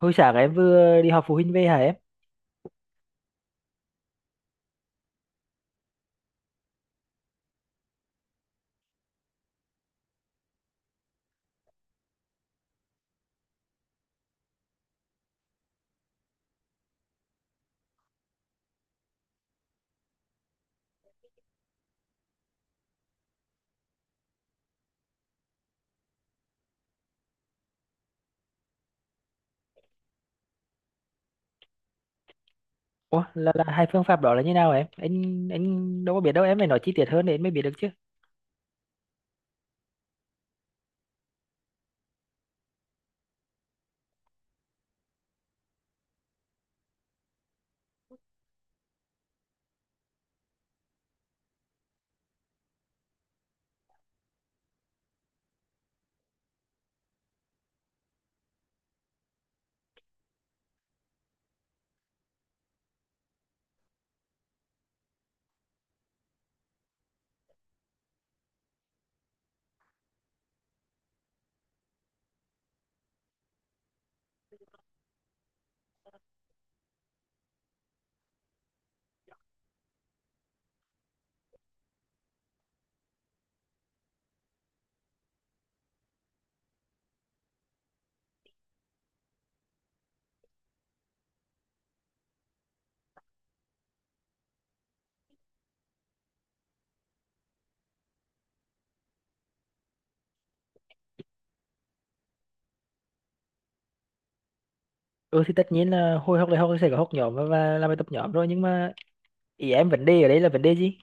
Hồi sáng em vừa đi họp phụ huynh về hả em? Ủa, là hai phương pháp đó là như nào em? Anh đâu có biết đâu em, phải nói chi tiết hơn để em mới biết được chứ. Ừ thì tất nhiên là hồi học đại học thì sẽ có học nhóm và làm bài tập nhóm rồi, nhưng mà ý em vấn đề ở đây là vấn đề gì?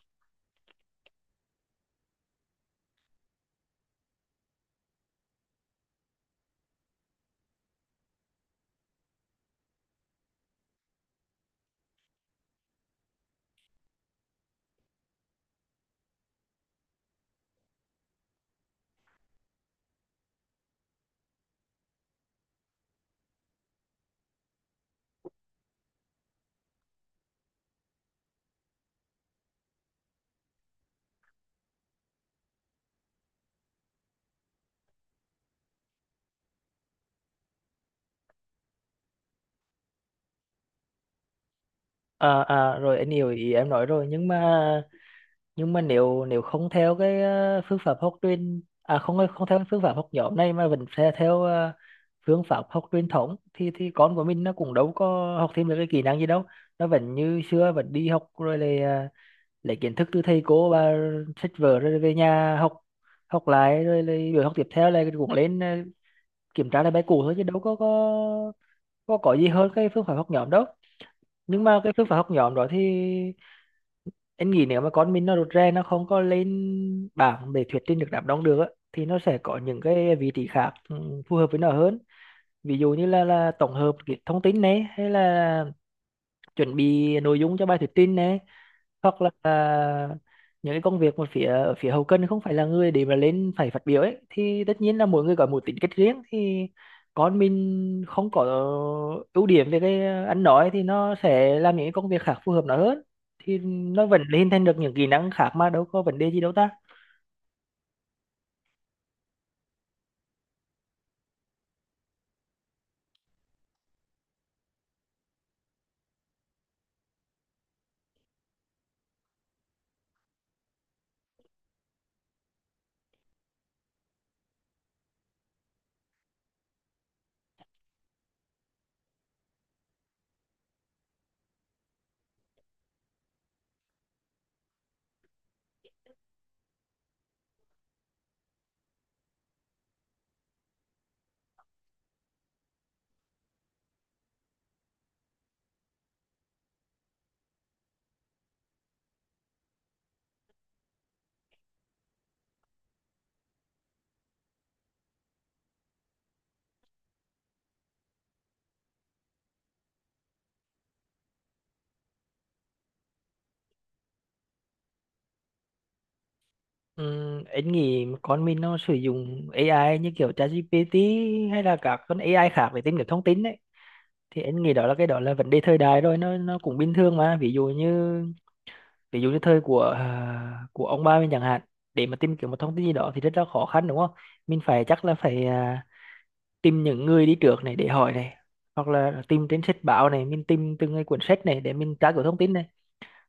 À, rồi anh hiểu ý em nói rồi, nhưng mà nếu nếu không theo cái ờ, phương pháp học truyền à không không theo cái phương pháp học nhóm này mà vẫn theo phương pháp học truyền thống thì con của mình nó cũng đâu có học thêm được cái kỹ năng gì đâu, nó vẫn như xưa, vẫn đi học rồi lại lấy kiến thức từ thầy cô và sách vở rồi về nhà học, học lại, rồi lại buổi học tiếp theo là cũng lên kiểm tra lại bài cũ thôi, chứ đâu có có gì hơn cái phương pháp học nhóm đâu. Nhưng mà cái phương pháp học nhóm đó thì em nghĩ nếu mà con mình nó rụt rè, nó không có lên bảng để thuyết trình được, đám đông được á, thì nó sẽ có những cái vị trí khác, ừ, phù hợp với nó hơn. Ví dụ như là tổng hợp cái thông tin này, hay là chuẩn bị nội dung cho bài thuyết trình này, hoặc là những cái công việc mà phía ở phía hậu cần, không phải là người để mà lên phải phát biểu ấy, thì tất nhiên là mỗi người có một tính cách riêng thì con mình không có ưu điểm về cái ăn nói thì nó sẽ làm những cái công việc khác phù hợp nó hơn, thì nó vẫn hình thành được những kỹ năng khác mà đâu có vấn đề gì đâu ta. Anh nghĩ con mình nó sử dụng AI như kiểu ChatGPT hay là các con AI khác để tìm kiếm thông tin đấy, thì anh nghĩ đó là vấn đề thời đại rồi, nó cũng bình thường mà. Ví dụ như thời của của ông ba mình chẳng hạn, để mà tìm kiếm một thông tin gì đó thì rất là khó khăn, đúng không? Mình phải, chắc là phải tìm những người đi trước này để hỏi này, hoặc là tìm trên sách báo này, mình tìm từng cái cuốn sách này để mình tra cứu thông tin này.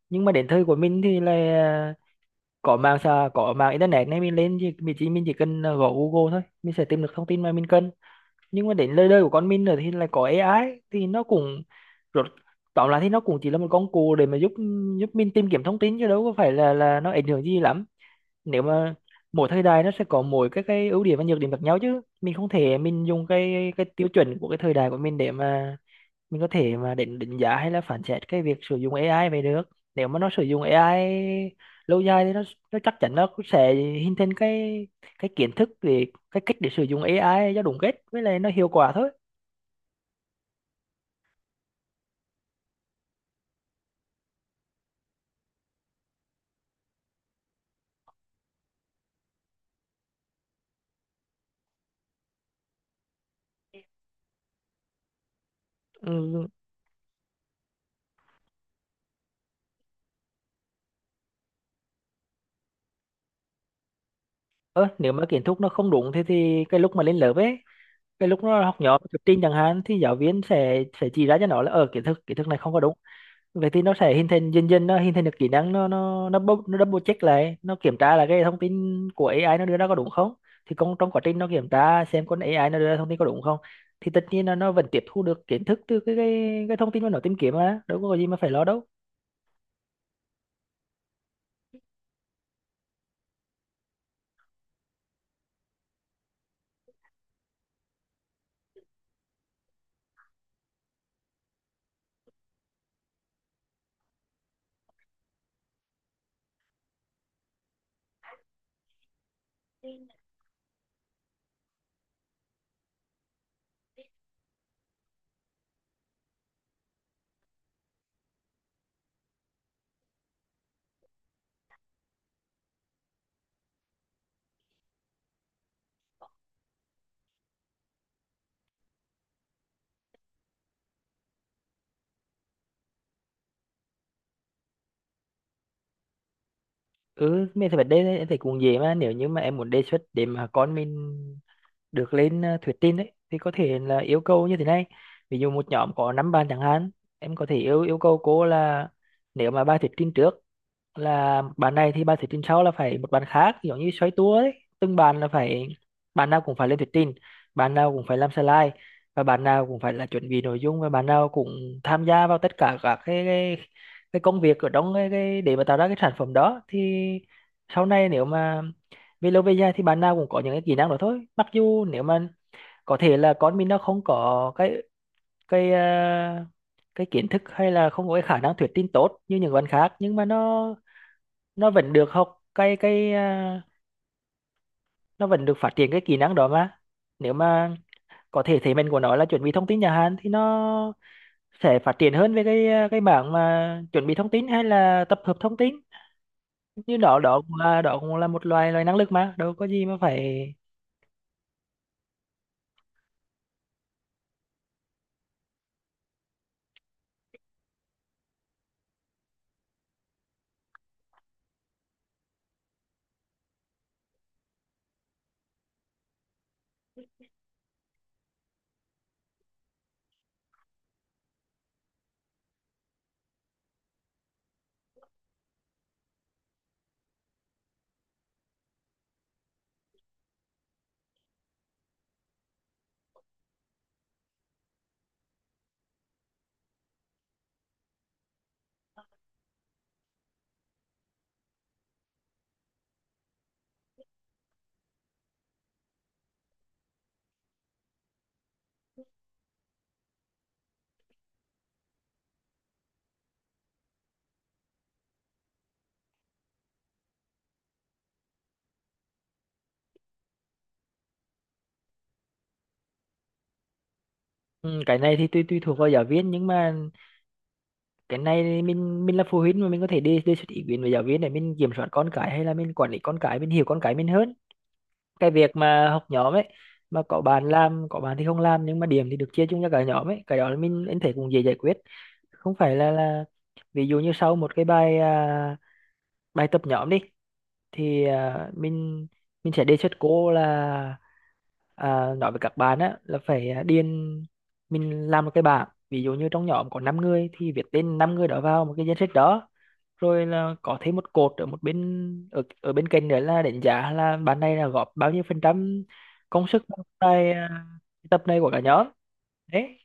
Nhưng mà đến thời của mình thì là có mạng xã có mạng internet này, mình lên thì mình chỉ cần gõ Google thôi, mình sẽ tìm được thông tin mà mình cần. Nhưng mà đến lời đời của con mình rồi thì lại có AI, thì nó cũng rốt tóm lại thì nó cũng chỉ là một công cụ để mà giúp giúp mình tìm kiếm thông tin, chứ đâu có phải là nó ảnh hưởng gì lắm. Nếu mà mỗi thời đại nó sẽ có mỗi cái ưu điểm và nhược điểm khác nhau, chứ mình không thể mình dùng cái tiêu chuẩn của cái thời đại của mình để mà mình có thể mà định định giá hay là phán xét cái việc sử dụng AI về được. Nếu mà nó sử dụng AI lâu dài thì nó chắc chắn nó cũng sẽ hình thành cái kiến thức về cái cách để sử dụng AI cho đúng cách với lại nó hiệu quả thôi. Ừ. Ơ, nếu mà kiến thức nó không đúng thì cái lúc mà lên lớp ấy, cái lúc nó học nhóm thuyết trình chẳng hạn, thì giáo viên sẽ chỉ ra cho nó là ở kiến thức, kiến thức này không có đúng. Vậy thì nó sẽ hình thành, dần dần nó hình thành được kỹ năng, nó nó double check lại, nó kiểm tra là cái thông tin của AI nó đưa ra có đúng không. Thì con trong quá trình nó kiểm tra xem con AI nó đưa ra thông tin có đúng không, thì tất nhiên là nó vẫn tiếp thu được kiến thức từ cái thông tin mà nó tìm kiếm, mà đâu có gì mà phải lo đâu. Ừ, mình thì vấn đề này em thấy cũng dễ mà. Nếu như mà em muốn đề xuất để mà con mình được lên thuyết trình ấy thì có thể là yêu cầu như thế này: ví dụ một nhóm có 5 bạn chẳng hạn, em có thể yêu yêu cầu cô là nếu mà bài thuyết trình trước là bàn này, thì bạn thuyết trình sau là phải một bàn khác, giống như xoay tua ấy, từng bàn là phải, bàn nào cũng phải lên thuyết trình, bàn nào cũng phải làm slide, và bàn nào cũng phải là chuẩn bị nội dung, và bàn nào cũng tham gia vào tất cả các cái công việc ở trong cái để mà tạo ra cái sản phẩm đó, thì sau này nếu mà về lâu về dài thì bạn nào cũng có những cái kỹ năng đó thôi. Mặc dù nếu mà có thể là con mình nó không có cái cái kiến thức hay là không có cái khả năng thuyết trình tốt như những bạn khác, nhưng mà nó vẫn được học nó vẫn được phát triển cái kỹ năng đó mà. Nếu mà có thể thế mạnh của nó là chuẩn bị thông tin nhà Hàn thì nó sẽ phát triển hơn về cái cái mảng mà chuẩn bị thông tin hay là tập hợp thông tin như đó. Đó cũng là một loài loài năng lực, mà đâu có gì mà phải. Ừ, cái này thì tùy tùy thuộc vào giáo viên, nhưng mà cái này thì mình là phụ huynh mà, mình có thể đi đề xuất ý kiến với giáo viên để mình kiểm soát con cái, hay là mình quản lý con cái, mình hiểu con cái mình hơn. Cái việc mà học nhóm ấy mà có bạn làm, có bạn thì không làm, nhưng mà điểm thì được chia chung cho cả nhóm ấy, cái đó là anh thấy cũng dễ giải quyết. Không phải là ví dụ như sau một cái bài tập nhóm đi, thì mình sẽ đề xuất cô là nói với các bạn á là điền, mình làm một cái bảng, ví dụ như trong nhóm có 5 người thì viết tên 5 người đó vào một cái danh sách đó, rồi là có thêm một cột ở một bên, ở ở bên cạnh nữa là đánh giá là bạn này là góp bao nhiêu phần trăm công sức vào tại tập này của cả nhóm đấy.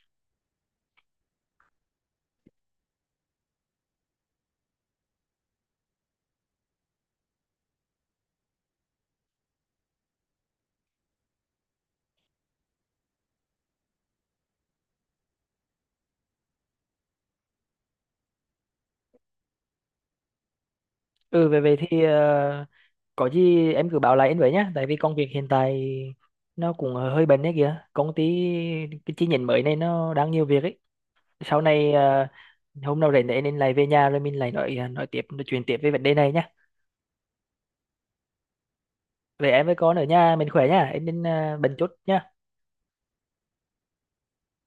Ừ, về về thì à, có gì em cứ báo lại anh với nhá, tại vì công việc hiện tại nó cũng hơi bận đấy kìa, công ty cái chi nhánh mới này nó đang nhiều việc ấy. Sau này hôm nào rảnh thì em nên lại về nhà rồi mình lại nói tiếp, nói chuyện tiếp về vấn đề này nhá. Về em với con ở nhà mình khỏe nhá, em nên bận chút nhá.